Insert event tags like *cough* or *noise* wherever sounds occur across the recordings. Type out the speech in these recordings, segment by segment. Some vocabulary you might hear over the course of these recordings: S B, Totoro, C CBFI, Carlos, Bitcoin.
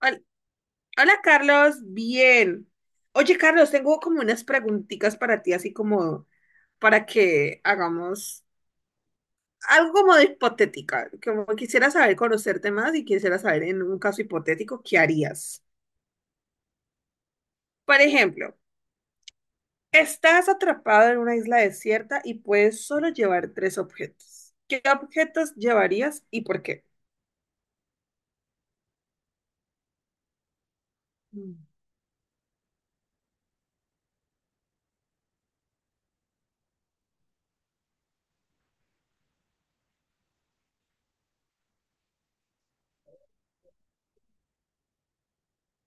Hol- Hola, Carlos, bien. Oye, Carlos, tengo como unas preguntitas para ti, así como para que hagamos algo como de hipotética, como quisiera saber conocerte más y quisiera saber en un caso hipotético qué harías. Por ejemplo, estás atrapado en una isla desierta y puedes solo llevar tres objetos. ¿Qué objetos llevarías y por qué?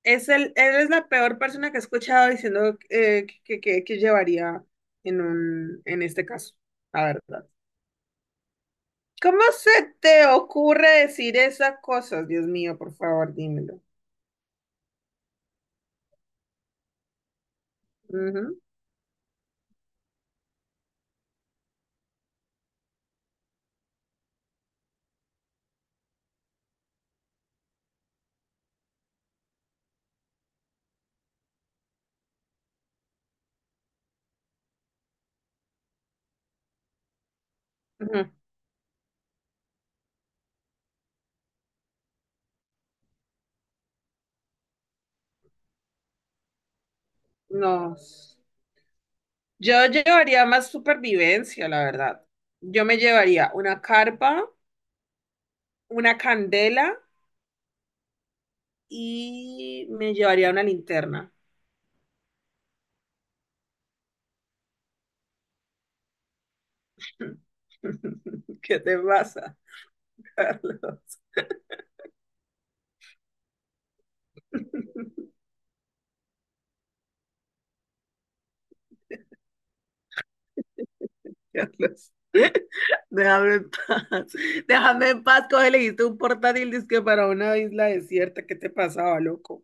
Él es la peor persona que he escuchado diciendo que llevaría en este caso, la verdad. ¿Cómo se te ocurre decir esas cosas? Dios mío, por favor, dímelo. Ujú, ujú. No. Yo llevaría más supervivencia, la verdad. Yo me llevaría una carpa, una candela y me llevaría una linterna. *laughs* ¿Qué te pasa, Carlos? *laughs* Carlos. *laughs* Déjame en paz. Déjame en paz. Coge, le diste un portátil disque para una isla desierta. ¿Qué te pasaba, loco?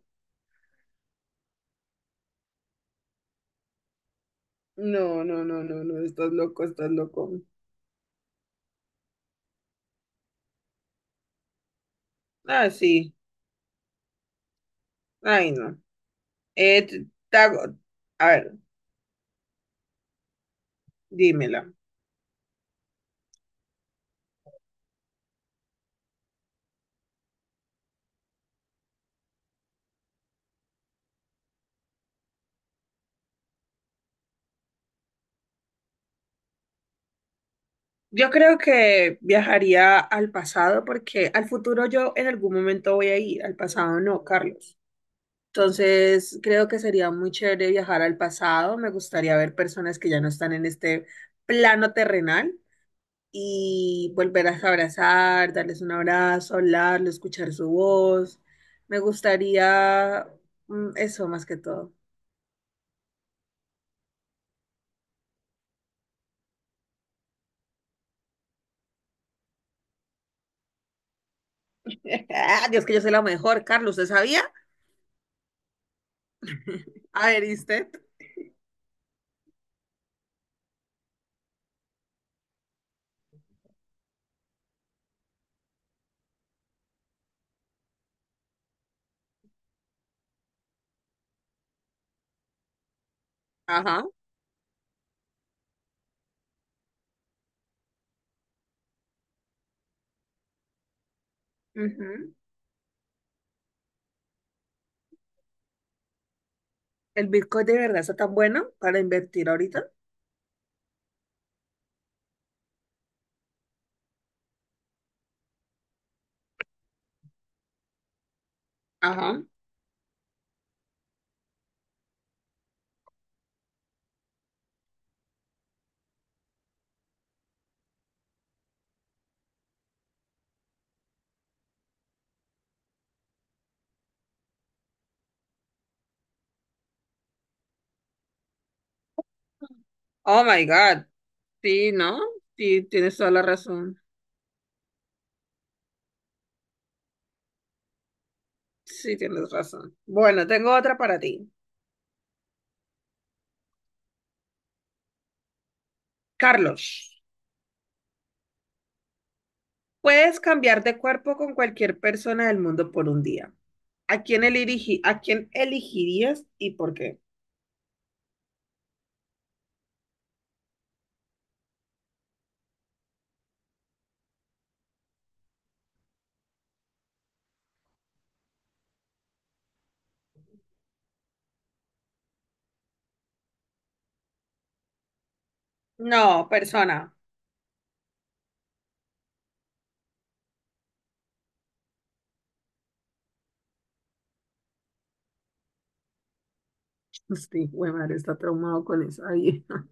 No, no, no, no, no. Estás loco, estás loco. Ah, sí. Ay, no. Eh, t- te hago- A ver, dímela. Yo creo que viajaría al pasado porque al futuro yo en algún momento voy a ir. Al pasado no, Carlos. Entonces, creo que sería muy chévere viajar al pasado. Me gustaría ver personas que ya no están en este plano terrenal y volverlas a abrazar, darles un abrazo, hablarles, escuchar su voz. Me gustaría eso más que todo. *laughs* Dios, que yo soy la mejor, Carlos, ¿usted sabía? A ver, ¿y usted? Ajá. Ujú. ¿El Bitcoin de verdad está tan bueno para invertir ahorita? Ajá. Oh my God. Sí, ¿no? Sí, tienes toda la razón. Sí, tienes razón. Bueno, tengo otra para ti. Carlos, puedes cambiar de cuerpo con cualquier persona del mundo por un día. ¿A quién elegirías y por qué? No, persona. *laughs* Sí, güey, madre, está traumado con esa vieja.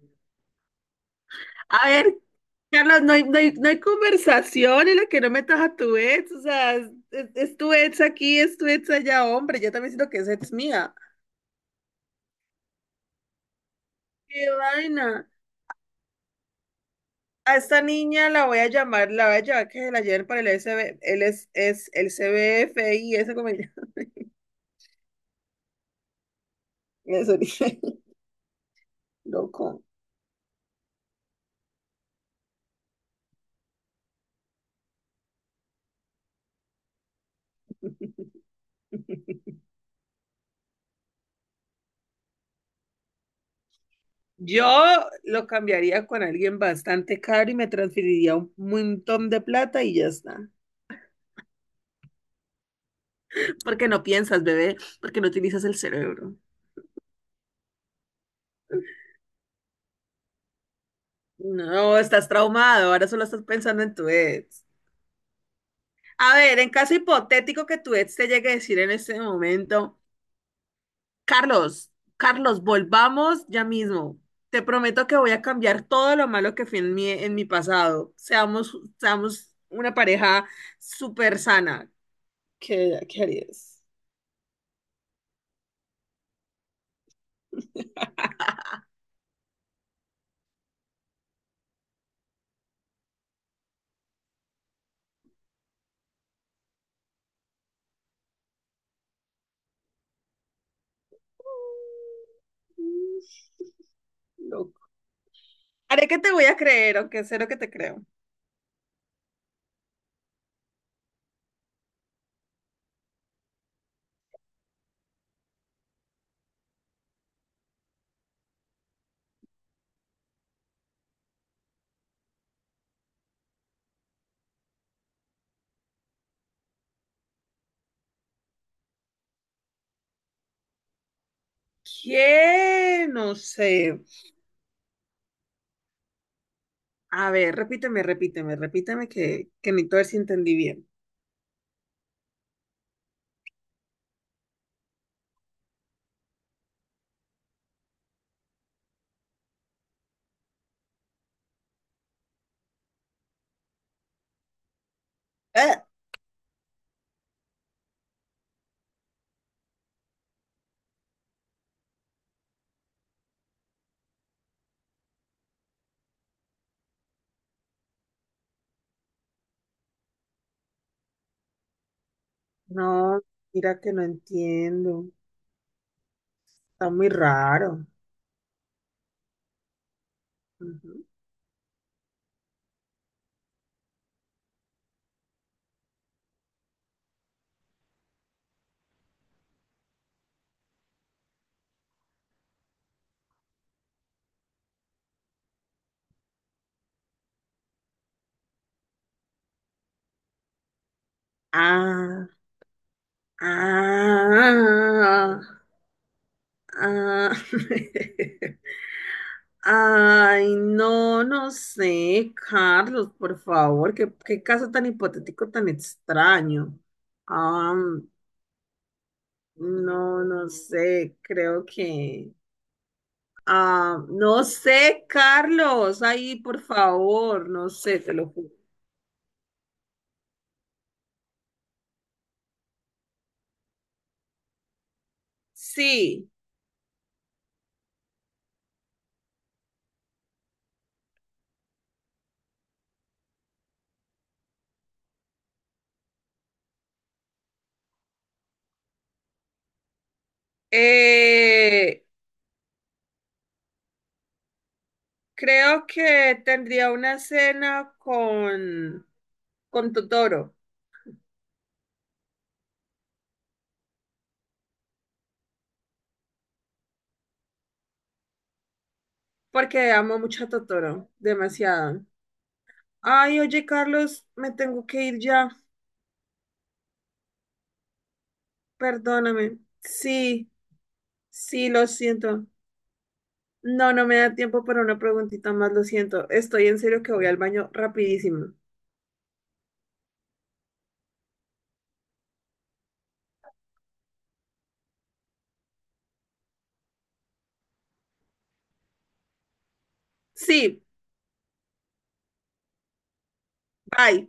*laughs* A ver, Carlos, no hay conversación en la que no metas a tu ex. O sea, es tu ex aquí, es tu ex allá, hombre. Yo también siento que es ex mía. ¡Qué vaina! A esta niña la voy a llamar, la voy a llevar que se la lleven para el SB, él es el C CBFI. *laughs* Eso dije, loco. Yo lo cambiaría con alguien bastante caro y me transferiría un montón de plata y ya está. Porque no piensas, bebé, porque no utilizas el cerebro. No, estás traumado, ahora solo estás pensando en tu ex. A ver, en caso hipotético que tu ex te llegue a decir en este momento, Carlos, Carlos, volvamos ya mismo. Te prometo que voy a cambiar todo lo malo que fui en mi pasado. Seamos, seamos una pareja súper sana. ¿Qué harías? *laughs* Loco. Haré que te voy a creer, aunque sé lo que te creo. ¿Qué? No sé. A ver, repíteme, repíteme, repíteme que necesito ver si entendí bien. Eh, No, mira que no entiendo. Está muy raro. Ujú. Ah, ah, ah. *laughs* Ay, no, no sé, Carlos, por favor, qué caso tan hipotético, tan extraño. Ah, no, no sé, creo que. Ah, no sé, Carlos, ahí, por favor, no sé, te lo juro. Sí, eh, creo que tendría una cena con Totoro, porque amo mucho a Totoro, demasiado. Ay, oye, Carlos, me tengo que ir ya, perdóname. Sí, sí, lo siento. No, no me da tiempo para una preguntita más, lo siento. Estoy en serio que voy al baño rapidísimo. Sí, bye.